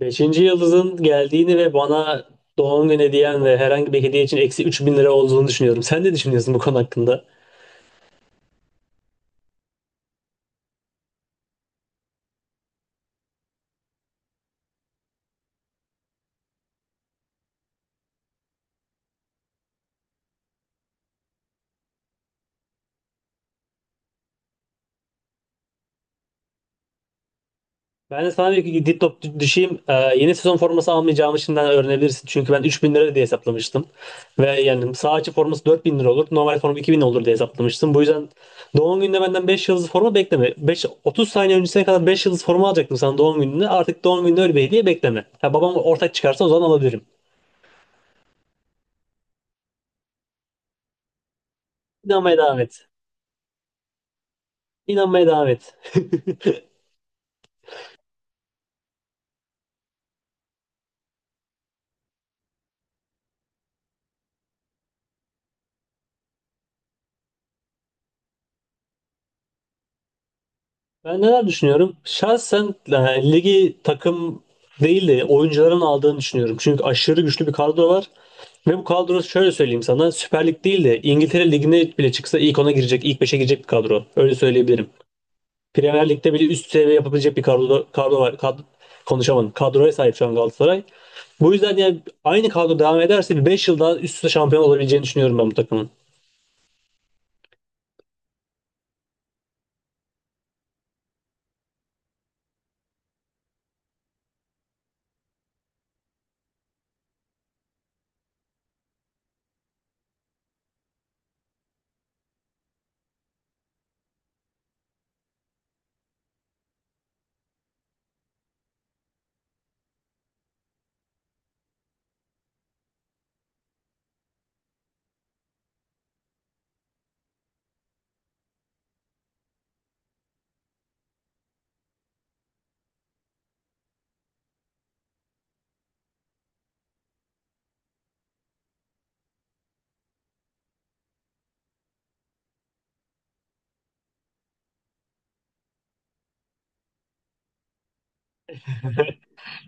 Beşinci yıldızın geldiğini ve bana doğum günü hediyen ve herhangi bir hediye için eksi 3000 lira olduğunu düşünüyorum. Sen ne düşünüyorsun bu konu hakkında? Ben de sana bir dip düşeyim. Yeni sezon forması almayacağımı şimdiden öğrenebilirsin. Çünkü ben 3000 lira diye hesaplamıştım. Ve yani sağ açı forması 4000 lira olur. Normal forma bin olur diye hesaplamıştım. Bu yüzden doğum gününde benden 5 yıldız forma bekleme. 5, 30 saniye öncesine kadar 5 yıldız forma alacaktım sana doğum gününde. Artık doğum gününde öyle bir hediye bekleme. Ha, babam ortak çıkarsa o zaman alabilirim. İnanmaya devam et. İnanmaya devam et. Ben neler düşünüyorum? Şahsen ligi takım değil de oyuncuların aldığını düşünüyorum. Çünkü aşırı güçlü bir kadro var. Ve bu kadro şöyle söyleyeyim sana Süper Lig değil de İngiltere Ligi'ne bile çıksa ilk ona girecek, ilk 5'e girecek bir kadro. Öyle söyleyebilirim. Premier Lig'de bile üst seviye yapabilecek bir kadro var. Kad konuşamadım. Kadroya sahip şu an Galatasaray. Bu yüzden yani aynı kadro devam ederse bir 5 yıl daha üst üste şampiyon olabileceğini düşünüyorum ben bu takımın.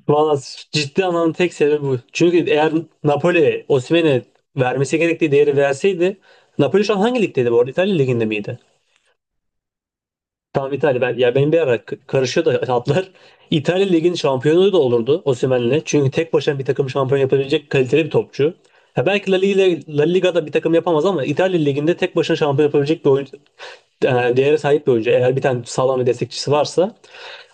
Valla ciddi anlamda tek sebebi bu. Çünkü eğer Napoli Osimhen'e vermesi gerektiği değeri verseydi Napoli şu an hangi ligdeydi bu arada? İtalya liginde miydi? Tamam İtalya. Ben, ya benim bir ara karışıyor da hatlar. İtalya Ligi'nin şampiyonu da olurdu Osimhen'le. Çünkü tek başına bir takım şampiyon yapabilecek kaliteli bir topçu. Ya belki La Liga'da bir takım yapamaz ama İtalya Ligi'nde tek başına şampiyon yapabilecek bir oyuncu, değere sahip bir oyuncu. Eğer bir tane sağlam bir destekçisi varsa.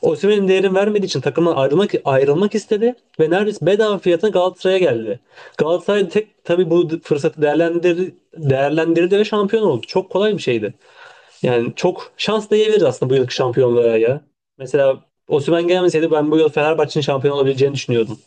Osimhen'in değerini vermediği için takımdan ayrılmak istedi ve neredeyse bedava fiyatına Galatasaray'a geldi. Galatasaray tek tabii bu fırsatı değerlendirdi ve şampiyon oldu. Çok kolay bir şeydi. Yani çok şans diyebiliriz aslında bu yılki şampiyonluğa ya. Mesela Osimhen gelmeseydi ben bu yıl Fenerbahçe'nin şampiyon olabileceğini düşünüyordum.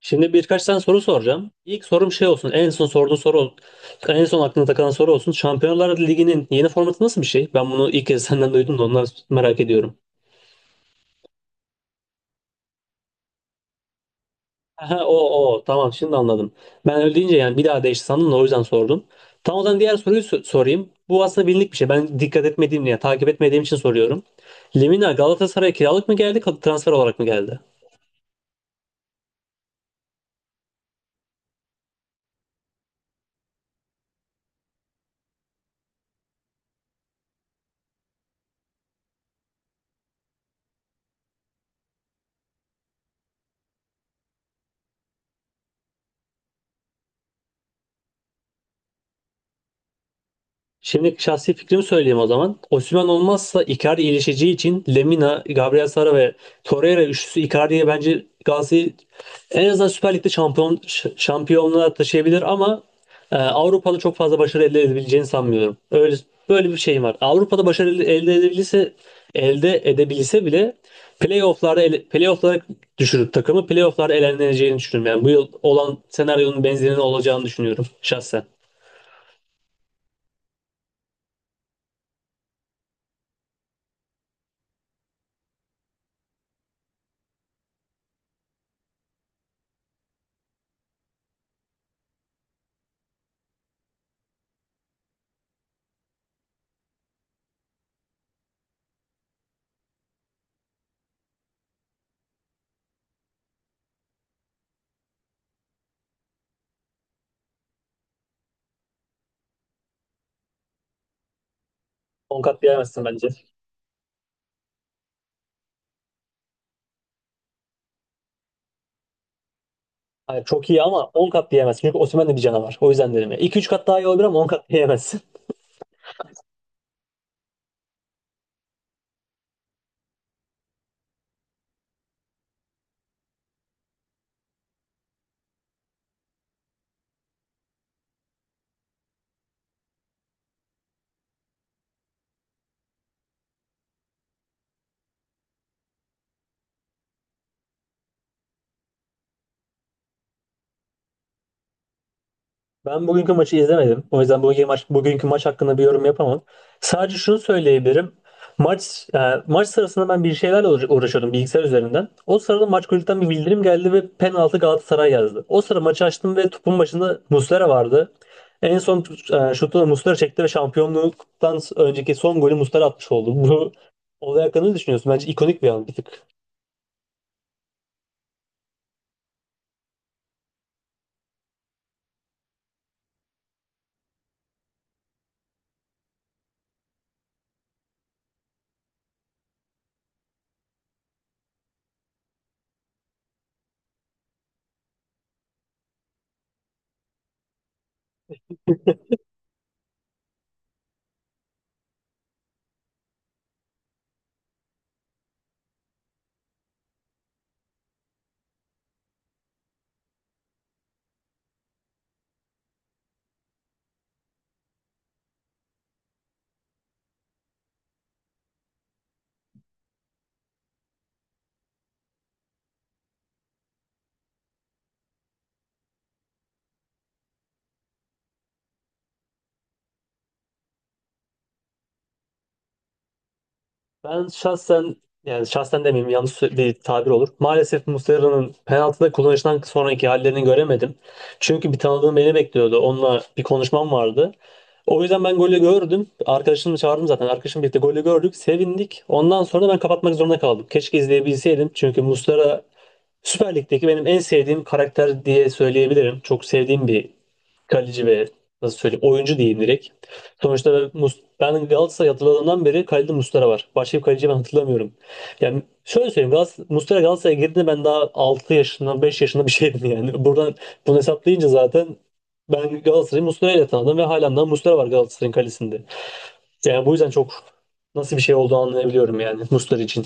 Şimdi birkaç tane soru soracağım. İlk sorum şey olsun. En son aklına takılan soru olsun. Şampiyonlar Ligi'nin yeni formatı nasıl bir şey? Ben bunu ilk kez senden duydum da ondan merak ediyorum. Aha, o tamam şimdi anladım. Ben öyle deyince yani bir daha değişti sandım da o yüzden sordum. Tam o zaman diğer soruyu sorayım. Bu aslında bilindik bir şey. Ben dikkat etmediğim yani takip etmediğim için soruyorum. Lemina Galatasaray'a kiralık mı geldi, transfer olarak mı geldi? Şimdi şahsi fikrimi söyleyeyim o zaman. Osimhen olmazsa Icardi iyileşeceği için Lemina, Gabriel Sara ve Torreira üçlüsü Icardi'ye bence Galatasaray en azından Süper Lig'de şampiyonluğa taşıyabilir ama Avrupa'da çok fazla başarı elde edebileceğini sanmıyorum. Öyle böyle bir şeyim var. Avrupa'da başarı elde edebilirse elde edebilse bile playoff'larda playoff'lara düşürüp takımı playoff'larda eleneceğini düşünüyorum. Yani bu yıl olan senaryonun benzerinin olacağını düşünüyorum şahsen. 10 kat diyemezsin bence. Hayır, çok iyi ama 10 kat diyemezsin. Çünkü Osimhen de bir canavar. O yüzden dedim ya. 2-3 kat daha iyi olabilir ama 10 kat diyemezsin. Ben bugünkü maçı izlemedim. O yüzden bugünkü maç hakkında bir yorum yapamam. Sadece şunu söyleyebilirim. Maç e, maç sırasında ben bir şeylerle uğraşıyordum bilgisayar üzerinden. O sırada maç kulüpten bir bildirim geldi ve penaltı Galatasaray yazdı. O sıra maçı açtım ve topun başında Muslera vardı. En son şutu da Muslera çekti ve şampiyonluktan önceki son golü Muslera atmış oldu. Bu olay hakkında ne düşünüyorsun? Bence ikonik bir an bir tık. Ben şahsen yani şahsen demeyeyim yanlış bir tabir olur. Maalesef Muslera'nın penaltıda kullanıştan sonraki hallerini göremedim. Çünkü bir tanıdığım beni bekliyordu. Onunla bir konuşmam vardı. O yüzden ben golü gördüm. Arkadaşımı çağırdım zaten. Arkadaşımla birlikte golü gördük. Sevindik. Ondan sonra ben kapatmak zorunda kaldım. Keşke izleyebilseydim. Çünkü Muslera Süper Lig'deki benim en sevdiğim karakter diye söyleyebilirim. Çok sevdiğim bir kaleci ve nasıl söyleyeyim oyuncu diyeyim direkt. Sonuçta ben Galatasaray hatırladığımdan beri kalede Muslera var. Başka bir kaleci ben hatırlamıyorum. Yani şöyle söyleyeyim Muslera Galatasaray'a girdiğinde ben daha 6 yaşında 5 yaşında bir şeydim yani. Buradan bunu hesaplayınca zaten ben Galatasaray'ı Muslera ile tanıdım ve halen daha Muslera var Galatasaray'ın kalesinde. Yani bu yüzden çok nasıl bir şey olduğunu anlayabiliyorum yani Muslera için.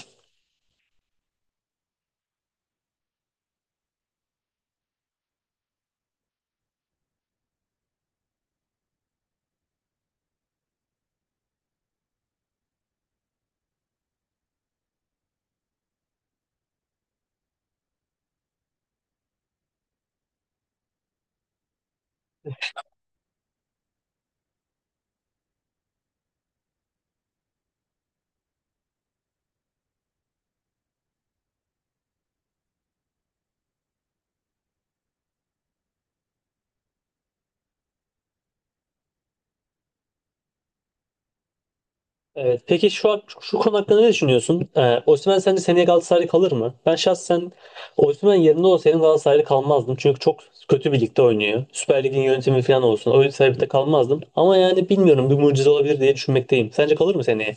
Evet. Peki şu konu hakkında ne düşünüyorsun? Osimhen sence seneye Galatasaray'da kalır mı? Ben şahsen Osimhen yerinde olsaydım Galatasaray'da kalmazdım. Çünkü çok kötü bir ligde oynuyor. Süper Lig'in yönetimi falan olsun. Öyle bir sebepte kalmazdım. Ama yani bilmiyorum bir mucize olabilir diye düşünmekteyim. Sence kalır mı seneye?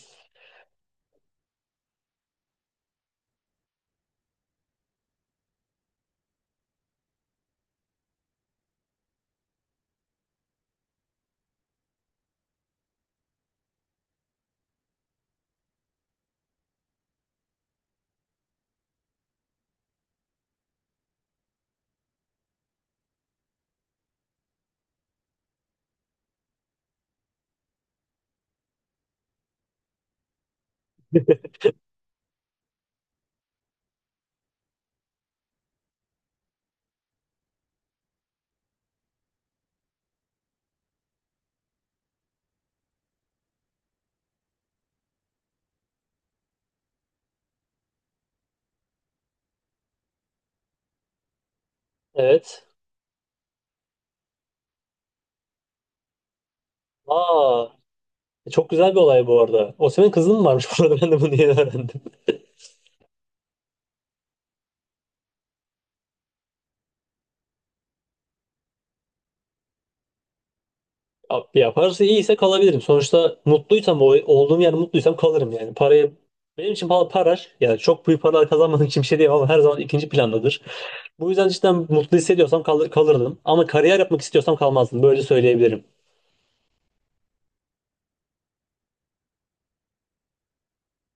Evet. Aa, çok güzel bir olay bu arada. Osimhen kızı mı varmış burada? Ben de bunu yeni öğrendim. Abi ya parası iyiyse kalabilirim. Sonuçta mutluysam, olduğum yer mutluysam kalırım yani. Paraya, benim için para yani çok büyük paralar kazanmadığım için bir şey diyemem ama her zaman ikinci plandadır. Bu yüzden cidden mutlu hissediyorsam kalırdım. Ama kariyer yapmak istiyorsam kalmazdım. Böyle söyleyebilirim.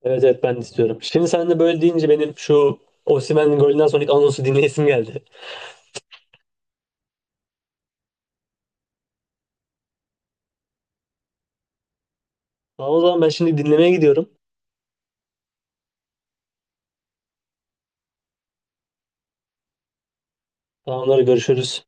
Evet evet ben de istiyorum. Şimdi sen de böyle deyince benim şu Osimhen'in golünden sonraki anonsu dinleyesim geldi. Tamam o zaman ben şimdi dinlemeye gidiyorum. Tamamları görüşürüz.